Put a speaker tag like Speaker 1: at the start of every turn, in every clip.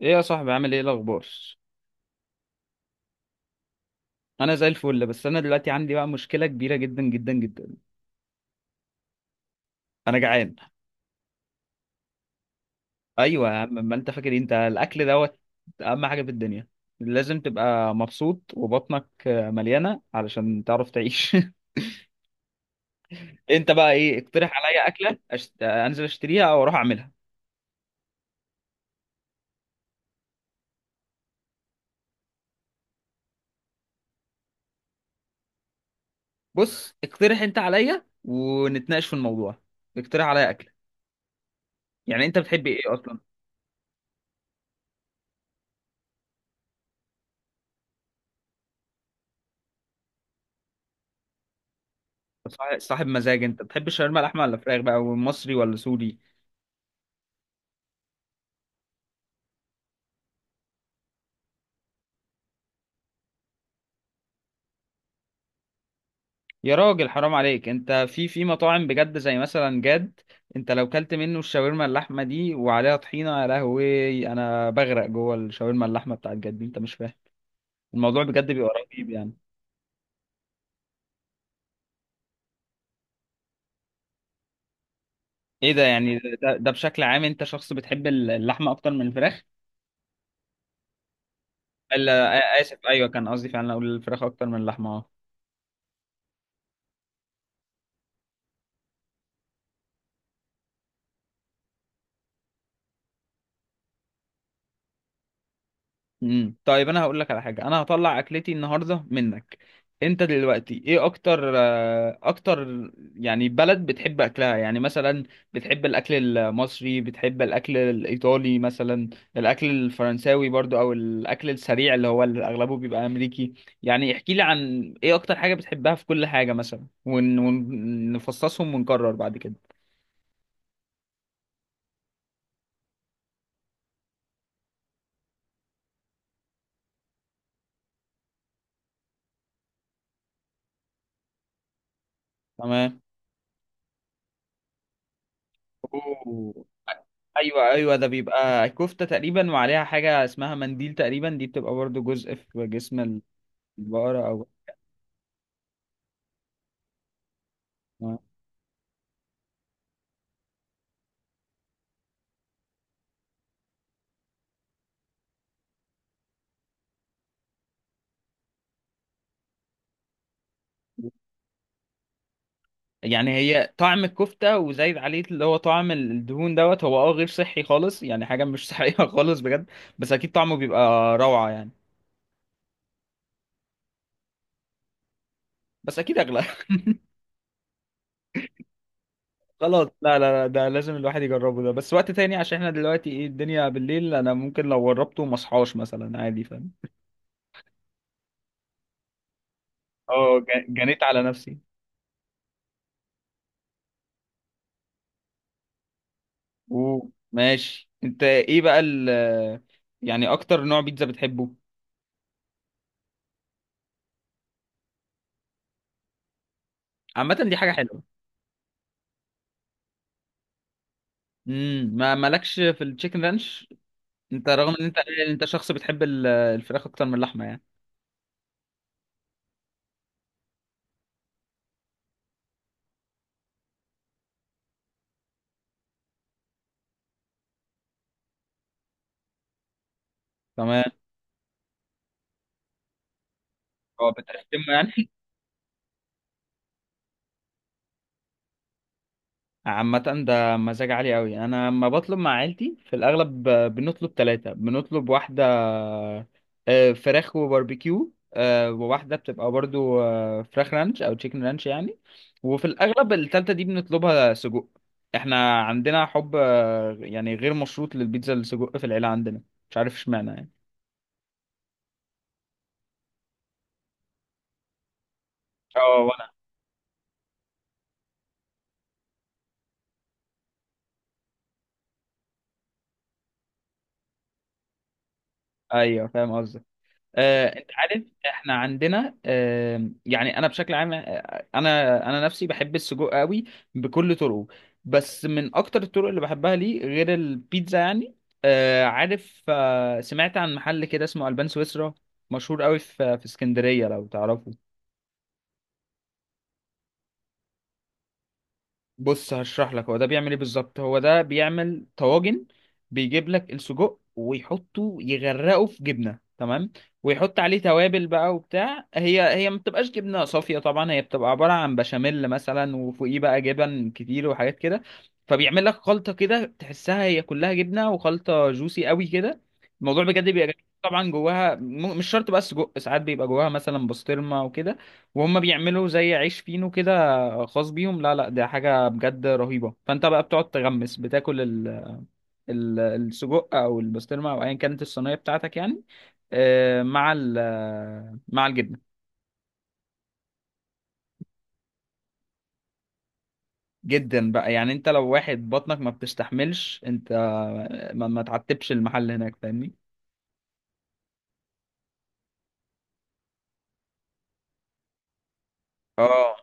Speaker 1: ايه يا صاحبي، عامل ايه؟ الاخبار؟ انا زي الفل. بس انا دلوقتي عندي بقى مشكله كبيره جدا جدا جدا. انا جعان. ايوه يا عم، ما انت فاكر إيه؟ انت الاكل دوت اهم حاجه في الدنيا. لازم تبقى مبسوط وبطنك مليانه علشان تعرف تعيش. انت بقى ايه؟ اقترح عليا اكله انزل اشتريها او اروح اعملها. بص، اقترح انت عليا ونتناقش في الموضوع. اقترح عليا اكله. يعني انت بتحب ايه اصلا؟ صاحب مزاج، انت بتحب الشاورما لحمه ولا فراخ بقى؟ ومصري ولا سوري؟ يا راجل حرام عليك، انت في مطاعم بجد زي مثلا جاد. انت لو كلت منه الشاورما اللحمه دي وعليها طحينه، يا لهوي، انا بغرق جوه الشاورما اللحمه بتاعت جد دي. انت مش فاهم الموضوع بجد بيبقى رهيب يعني. ايه ده؟ يعني ده بشكل عام انت شخص بتحب اللحمه اكتر من الفراخ؟ اسف، ايوه كان قصدي فعلا اقول الفراخ اكتر من اللحمه، اه. طيب انا هقول لك على حاجه، انا هطلع اكلتي النهارده منك. انت دلوقتي ايه اكتر اكتر يعني بلد بتحب اكلها؟ يعني مثلا بتحب الاكل المصري، بتحب الاكل الايطالي مثلا، الاكل الفرنساوي برضو، او الاكل السريع اللي هو اللي اغلبه بيبقى امريكي. يعني احكي لي عن ايه اكتر حاجه بتحبها في كل حاجه مثلا ونفصصهم ونكرر بعد كده. تمام. اوه. ايوه ايوه، ده بيبقى كفته تقريبا وعليها حاجه اسمها منديل تقريبا، دي بتبقى برضو جزء في جسم البقره او آه. يعني هي طعم الكفته وزايد عليه اللي هو طعم الدهون دوت. هو اه غير صحي خالص، يعني حاجه مش صحيه خالص بجد. بس اكيد طعمه بيبقى روعه يعني. بس اكيد اغلى خلاص لا لا لا، ده لازم الواحد يجربه، ده بس وقت تاني، عشان احنا دلوقتي ايه الدنيا بالليل، انا ممكن لو جربته ما اصحاش مثلا، عادي، فاهم. اه جنيت على نفسي. اوه ماشي. انت ايه بقى ال، يعني اكتر نوع بيتزا بتحبه؟ عامة دي حاجة حلوة. ما مالكش في التشيكن رانش؟ انت رغم ان انت، انت شخص بتحب الفراخ اكتر من اللحمة يعني. تمام. هو بتقسمه يعني. عامة ده مزاج عالي قوي. انا لما بطلب مع عيلتي في الاغلب بنطلب ثلاثة. بنطلب واحدة فراخ وباربيكيو، وواحدة بتبقى برضو فراخ رانش او تشيكن رانش يعني. وفي الاغلب التالتة دي بنطلبها سجق. احنا عندنا حب يعني غير مشروط للبيتزا السجق في العيلة عندنا. مش عارف اشمعنى يعني. اه وانا. ايوه فاهم قصدك. انت عارف احنا عندنا، يعني انا بشكل عام، انا نفسي بحب السجق قوي بكل طرقه. بس من اكتر الطرق اللي بحبها ليه غير البيتزا يعني، عارف، سمعت عن محل كده اسمه البان سويسرا؟ مشهور قوي في اسكندرية، لو تعرفه. بص هشرح لك هو ده بيعمل ايه بالظبط. هو ده بيعمل طواجن. بيجيب لك السجق ويحطه يغرقه في جبنه، تمام، ويحط عليه توابل بقى وبتاع. هي ما بتبقاش جبنه صافيه طبعا، هي بتبقى عباره عن بشاميل مثلا وفوقيه بقى جبن كتير وحاجات كده. فبيعمل لك خلطه كده تحسها هي كلها جبنه وخلطه جوسي قوي كده. الموضوع بجد بيبقى جميل. طبعا جواها مش شرط بقى السجق، ساعات بيبقى جواها مثلا بسطرمه وكده. وهم بيعملوا زي عيش فينو كده خاص بيهم. لا لا، ده حاجة بجد رهيبة. فانت بقى بتقعد تغمس، بتاكل السجق او البسطرمة او ايا كانت الصينية بتاعتك يعني، مع مع الجبنة. جدا بقى، يعني انت لو واحد بطنك ما بتستحملش، انت ما تعتبش المحل هناك، فاهمني. اه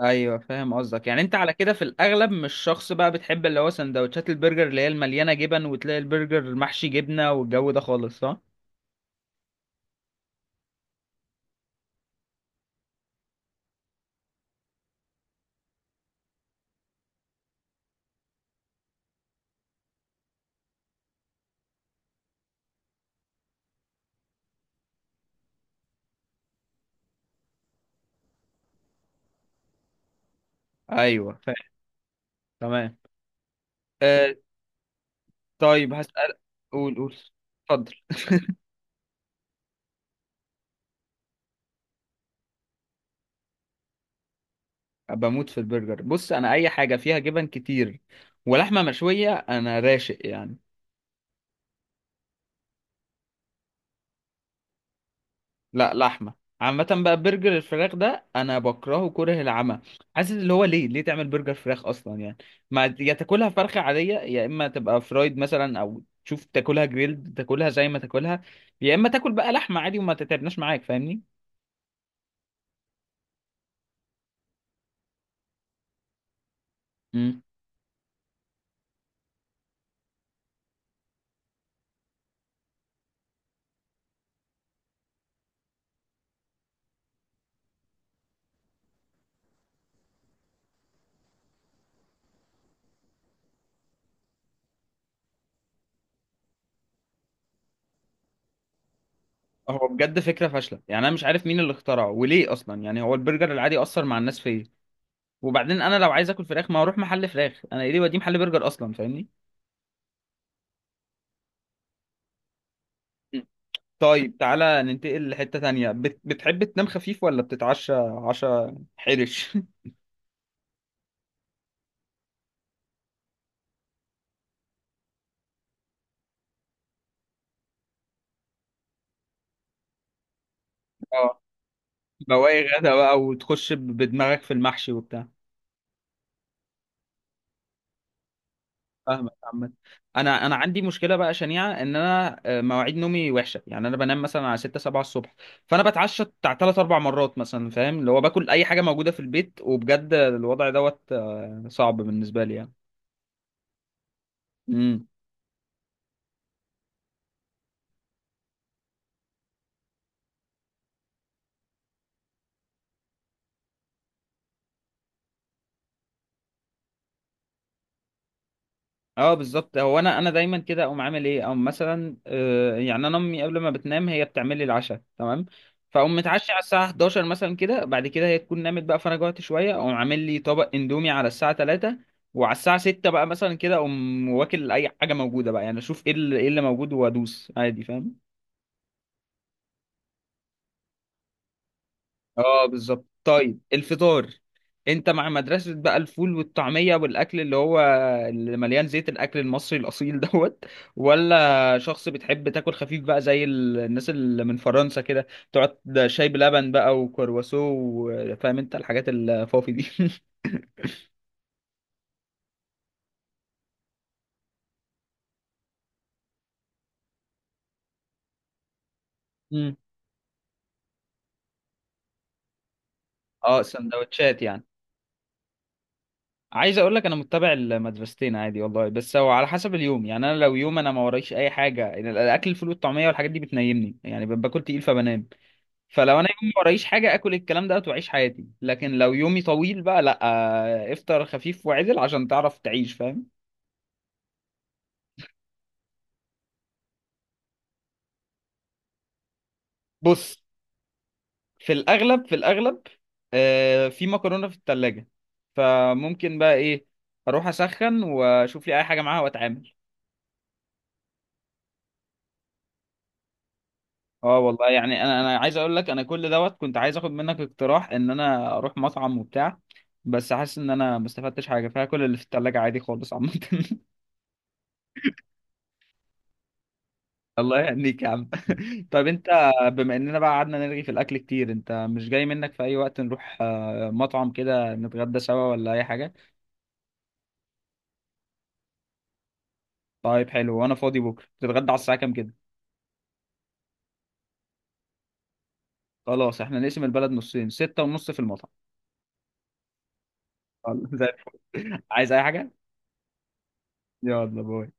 Speaker 1: ايوه فاهم قصدك. يعني انت على كده في الاغلب مش شخص بقى بتحب اللي هو سندوتشات البرجر اللي هي المليانه جبن، وتلاقي البرجر محشي جبنه والجو ده خالص، صح؟ ايوه فاهم. تمام. آه، طيب هسأل. قول قول. اتفضل. بموت في البرجر. بص انا اي حاجه فيها جبن كتير ولحمه مشويه انا راشق يعني. لا لحمه. عامه بقى برجر الفراخ ده انا بكرهه كره العمى. حاسس اللي هو ليه تعمل برجر فراخ اصلا يعني؟ ما يا تاكلها فرخه عاديه، يا اما تبقى فرايد مثلا، او تشوف تاكلها جريلد، تاكلها زي ما تاكلها. يا اما تاكل بقى لحمه عادي وما تتعبناش معاك، فاهمني. مم. هو بجد فكره فاشله. يعني انا مش عارف مين اللي اخترعه وليه اصلا، يعني هو البرجر العادي اثر مع الناس فيا. وبعدين انا لو عايز اكل فراخ ما اروح محل فراخ، انا ايه ليه وديه محل برجر اصلا، فاهمني. مم. طيب تعالى ننتقل لحتة تانية. بتحب تنام خفيف ولا بتتعشى عشاء حرش؟ اه بواقي غدا بقى وتخش بدماغك في المحشي وبتاع. فاهمك عامة. انا عندي مشكله بقى شنيعه، ان انا مواعيد نومي وحشه. يعني انا بنام مثلا على 6 7 الصبح، فانا بتعشى بتاع 3 4 مرات مثلا، فاهم، اللي هو باكل اي حاجه موجوده في البيت. وبجد الوضع دوت صعب بالنسبه لي يعني. اه بالظبط. هو انا دايما كده اقوم عامل ايه، او مثلا يعني انا امي قبل ما بتنام هي بتعمل لي العشاء، تمام، فاقوم متعشي على الساعه 11 مثلا كده. بعد كده هي تكون نامت بقى، فانا جوعت شويه اقوم عامل لي طبق اندومي على الساعه 3. وعلى الساعه 6 بقى مثلا كده اقوم واكل اي حاجه موجوده بقى، يعني اشوف ايه إيه اللي موجود وادوس عادي، فاهم. اه بالظبط. طيب الفطار، انت مع مدرسة بقى الفول والطعمية والاكل اللي هو اللي مليان زيت، الاكل المصري الاصيل دوت، ولا شخص بتحب تاكل خفيف بقى زي الناس اللي من فرنسا كده تقعد شاي بلبن بقى وكرواسو فاهم انت الحاجات الفافي دي مم. اه سندوتشات يعني. عايز اقول لك انا متبع المدرستين عادي والله، بس هو على حسب اليوم يعني. انا لو يوم انا ما ورايش اي حاجه يعني، الاكل الفول والطعميه والحاجات دي بتنيمني يعني، باكل تقيل فبنام. فلو انا يومي ورايش حاجه اكل الكلام ده واعيش حياتي، لكن لو يومي طويل بقى لا، افطر خفيف وعدل عشان تعرف تعيش، فاهم. بص، في الاغلب، في الاغلب في مكرونه في التلاجة. فممكن بقى ايه، اروح اسخن واشوف لي اي حاجه معاها واتعامل. اه والله، يعني انا عايز اقول لك انا كل دوت كنت عايز اخد منك اقتراح ان انا اروح مطعم وبتاع. بس حاسس ان انا ما استفدتش حاجه، فيها كل اللي في التلاجة عادي خالص عامه الله يهنيك يا عم. طب انت، بما اننا بقى قعدنا نرغي في الاكل كتير، انت مش جاي منك في اي وقت نروح مطعم كده نتغدى سوا ولا اي حاجه؟ طيب حلو. وانا فاضي بكره. تتغدى على الساعه كام كده؟ خلاص احنا نقسم البلد نصين، ستة ونص في المطعم. خلاص، زي الفل عايز اي حاجه؟ يلا، باي.